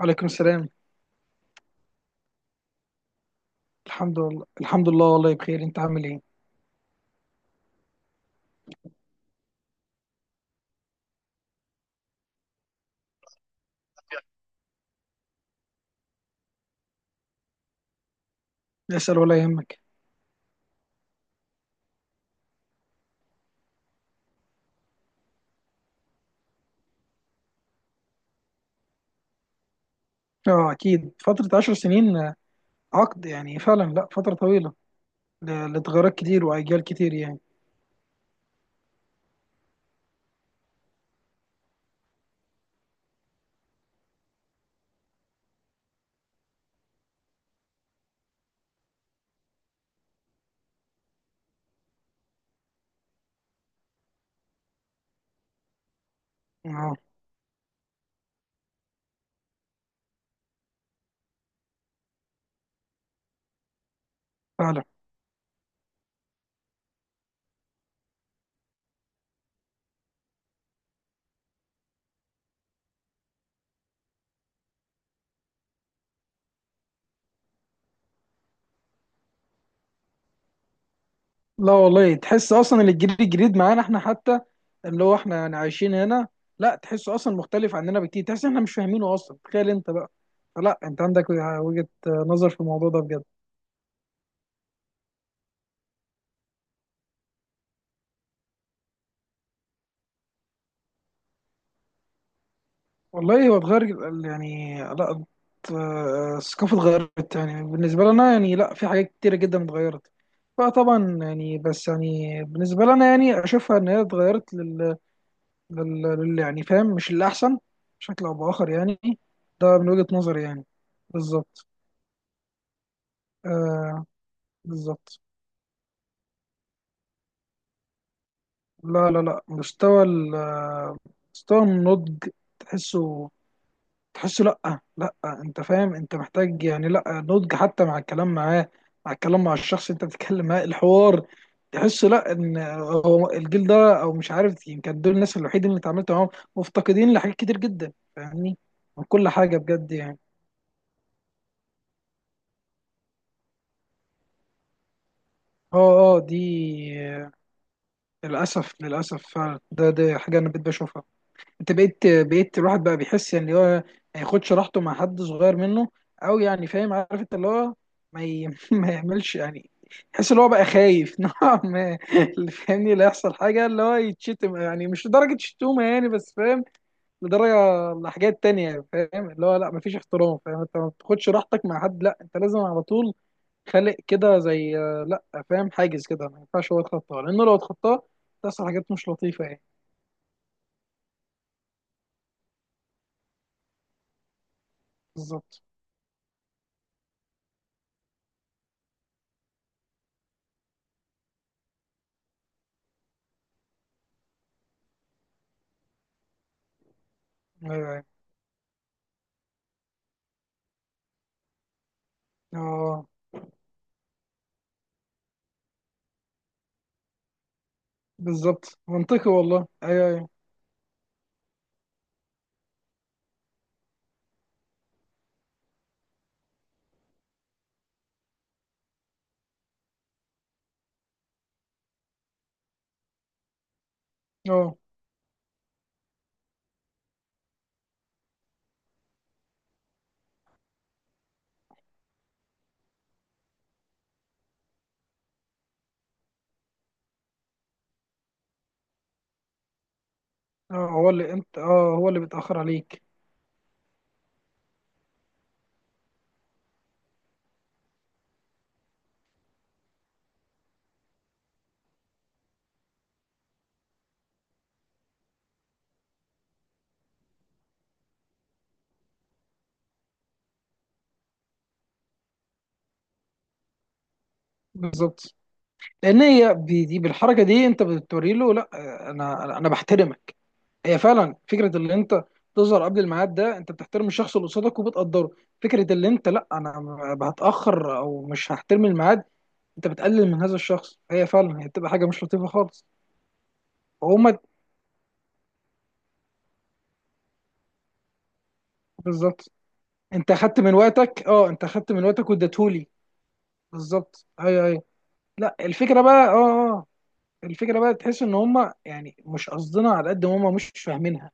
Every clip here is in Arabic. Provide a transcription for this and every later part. وعليكم السلام. الحمد لله، الحمد لله، والله بخير. انت عامل ايه؟ اسال ولا يهمك. اه، اكيد فتره 10 سنين، عقد يعني. فعلا، لا، فتره طويله. لتغيرات كتير، واجيال كتير، يعني. اه، فعلا. لا والله، تحس اصلا اللي الجيل الجديد معانا احنا، حتى اللي هو احنا يعني عايشين هنا. لا، تحسه اصلا مختلف عننا بكتير، تحس احنا مش فاهمينه اصلا. تخيل انت بقى. لا، انت عندك وجهة نظر في الموضوع ده بجد. والله هو اتغير، يعني، لا، الثقافة اتغيرت يعني بالنسبة لنا، يعني لا، في حاجات كتيرة جدا اتغيرت. فطبعا يعني، بس يعني بالنسبة لنا، يعني أشوفها إن هي اتغيرت لل... يعني فاهم، مش الأحسن، بشكل أو بآخر يعني. ده من وجهة نظري يعني. بالظبط. آه، بالظبط. لا، لا، لا، مستوى مستوى النضج، تحسه. تحسه لأ، لأ. أنت فاهم، أنت محتاج يعني، لأ، نضج حتى مع الكلام معاه، مع الكلام مع الشخص أنت بتتكلم معاه، الحوار تحسه لأ. إن هو الجيل ده، أو مش عارف، يمكن دول الناس الوحيدين اللي اتعاملت معاهم، مفتقدين لحاجات كتير جدا، فاهمني، من كل حاجة، بجد يعني. اه، اه، دي للأسف، للأسف، فعلا ده حاجة أنا بقيت بشوفها. انت بقيت الواحد بقى بيحس ان هو ما ياخدش راحته مع حد صغير منه، او يعني فاهم، عارف انت اللي هو ما, ي... ما يعملش يعني. يحس ان هو بقى خايف نوعا ما، اللي فاهمني لا يحصل حاجه اللي هو يتشتم، يعني مش لدرجه شتومه يعني، بس فاهم، لدرجه لحاجات تانية. فاهم اللي هو لا، ما فيش احترام. فاهم انت ما بتاخدش راحتك مع حد. لا، انت لازم على طول خالق كده، زي، لا، فاهم، حاجز كده ما ينفعش هو يتخطاه، لانه لو اتخطاه تحصل حاجات مش لطيفه يعني. بالظبط، ايوه، ايوه. اه، بالظبط، منطقي والله، ايوه، ايوه. اه، اه، هو اللي بيتاخر عليك. بالظبط، لان هي دي، بالحركه دي انت بتوري له لا، انا انا أنا بحترمك. هي فعلا فكره اللي انت تظهر قبل الميعاد، ده انت بتحترم الشخص اللي قصادك وبتقدره. فكره اللي انت لا انا هتاخر او مش هحترم الميعاد، انت بتقلل من هذا الشخص. هي فعلا، هي بتبقى حاجه مش لطيفه خالص. وهما بالظبط. انت اخدت من وقتك، اه، انت اخدت من وقتك واديتهولي. بالظبط، ايوه، ايوه. لا، الفكره بقى اه أه. الفكره بقى تحس ان هم يعني مش قصدنا على قد ما هم مش فاهمينها.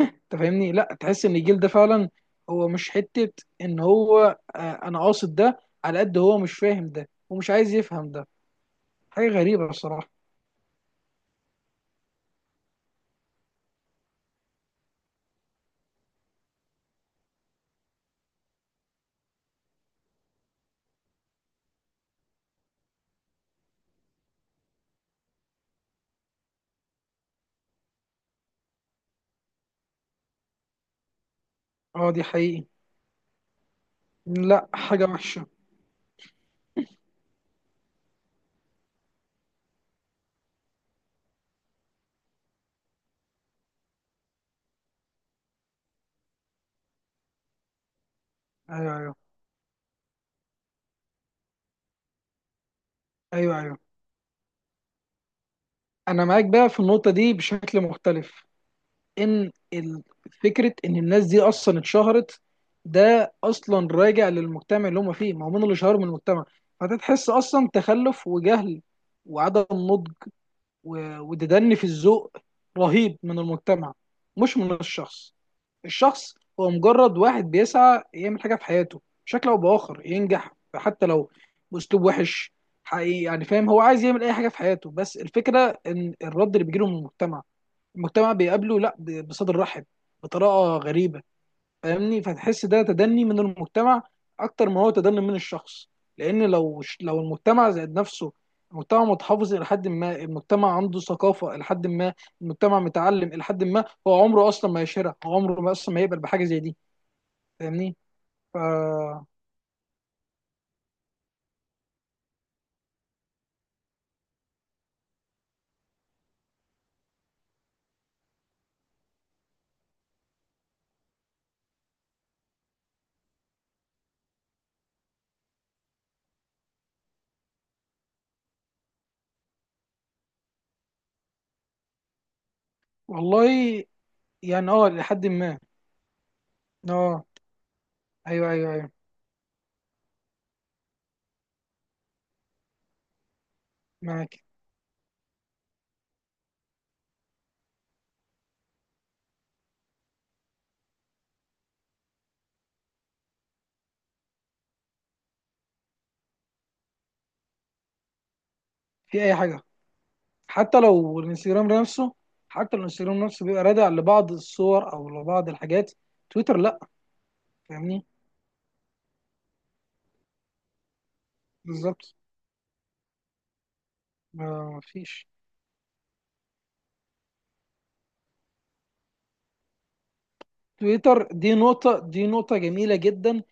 انت فاهمني، لا، تحس ان الجيل ده فعلا هو مش حته. ان هو انا قاصد ده على قد هو مش فاهم ده ومش عايز يفهم ده. حاجه غريبه بصراحه. اه، دي حقيقي. لا، حاجه وحشه. ايوه، ايوه، ايوه، ايوه. انا معاك بقى في النقطه دي بشكل مختلف. ان فكره ان الناس دي اصلا اتشهرت، ده اصلا راجع للمجتمع اللي هم فيه. ما هو من اللي شهرهم المجتمع، فتتحس اصلا تخلف وجهل وعدم نضج وتدني في الذوق رهيب من المجتمع، مش من الشخص. الشخص هو مجرد واحد بيسعى يعمل حاجه في حياته بشكل او باخر، ينجح حتى لو باسلوب وحش. حقيقي يعني، فاهم، هو عايز يعمل اي حاجه في حياته. بس الفكره ان الرد اللي بيجيله من المجتمع، المجتمع بيقابله لا بصدر رحب، بطريقه غريبه، فاهمني، فتحس ده تدني من المجتمع اكتر ما هو تدني من الشخص. لان لو لو المجتمع زائد نفسه، المجتمع متحفظ الى حد ما، المجتمع عنده ثقافه الى حد ما، المجتمع متعلم الى حد ما، هو عمره اصلا ما يشهرها، هو عمره ما اصلا ما يقبل بحاجه زي دي. فاهمني. ف والله يعني، اه، لحد ما. اه، ايوه، ايوه، ايوه، معاك في اي حاجه. حتى لو الانستجرام نفسه حتى لو الانستجرام نفسه بيبقى رادع لبعض الصور او لبعض الحاجات. تويتر لا، فاهمني. بالظبط، ما فيش. تويتر دي نقطة جميلة جدا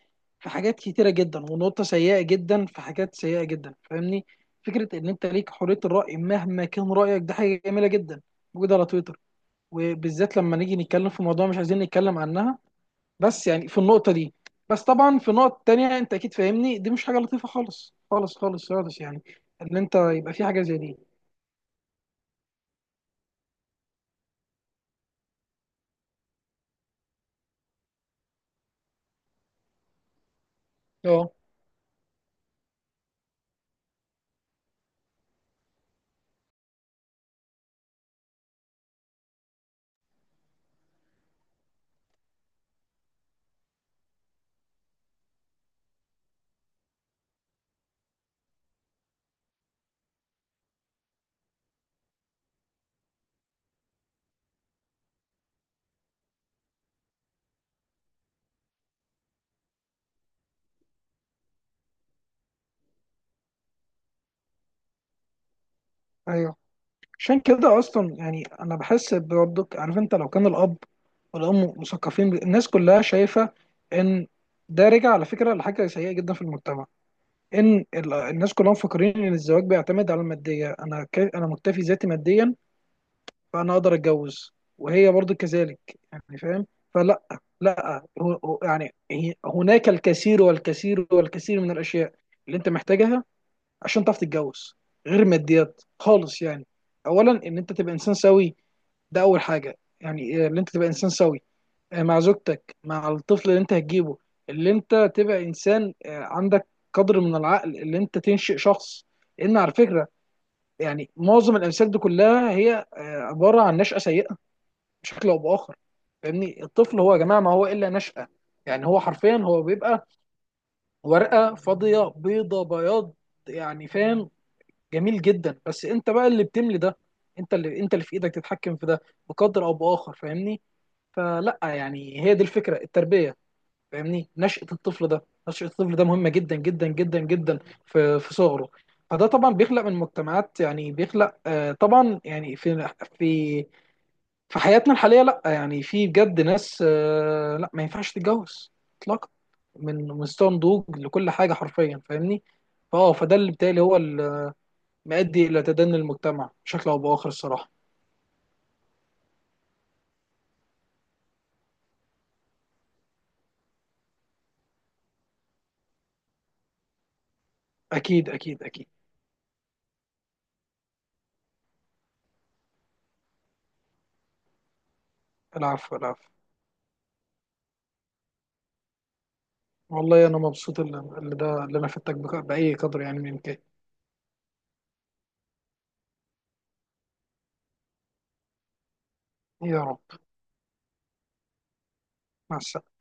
في حاجات كتيرة جدا، ونقطة سيئة جدا في حاجات سيئة جدا، فاهمني. فكرة ان انت ليك حرية الرأي مهما كان رأيك، ده حاجة جميلة جدا موجودة على تويتر، وبالذات لما نيجي نتكلم في موضوع مش عايزين نتكلم عنها، بس يعني في النقطة دي. بس طبعا في نقط تانية، انت اكيد فاهمني، دي مش حاجة لطيفة خالص، خالص، خالص، خالص يعني، ان انت يبقى في حاجة زي دي. اه، ايوه. عشان كده اصلا يعني انا بحس برضك، عارف انت لو كان الاب والام مثقفين الناس كلها شايفة ان ده رجع على فكرة لحاجة سيئة جدا في المجتمع. ان الناس كلها مفكرين ان الزواج بيعتمد على المادية. انا مكتفي ذاتي ماديا، فانا اقدر اتجوز، وهي برضو كذلك، يعني فاهم. فلا، لا هناك الكثير والكثير والكثير من الاشياء اللي انت محتاجها عشان تعرف تتجوز، غير ماديات خالص يعني. اولا ان انت تبقى انسان سوي. ده اول حاجه، يعني إيه؟ ان انت تبقى انسان سوي، مع زوجتك، مع الطفل اللي انت هتجيبه، اللي انت تبقى انسان، عندك قدر من العقل اللي انت تنشئ شخص. لان على فكره، يعني معظم الامثال دي كلها هي عباره عن نشأة سيئه بشكل او باخر. فاهمني، الطفل هو يا جماعه ما هو الا نشأة. يعني هو حرفيا هو بيبقى ورقه فاضيه، بيضه بياض، يعني فاهم. جميل جدا، بس انت بقى اللي بتملي ده. انت اللي في ايدك تتحكم في ده بقدر او باخر، فاهمني. فلا يعني، هي دي الفكره، التربيه. فاهمني، نشأة الطفل ده مهمه جدا جدا جدا جدا في في صغره. فده طبعا بيخلق من مجتمعات، يعني بيخلق طبعا يعني في في حياتنا الحاليه. لا يعني في بجد ناس، لا، ما ينفعش تتجوز اطلاقا، من مستوى نضوج لكل حاجه حرفيا، فاهمني. فده اللي بالتالي هو اللي مؤدي الى تدني المجتمع بشكل او باخر الصراحه. اكيد، اكيد، اكيد. العفو، العفو. والله انا مبسوط اللي ده اللي انا فدتك باي قدر يعني من الامكان. يا رب. مع السلامه.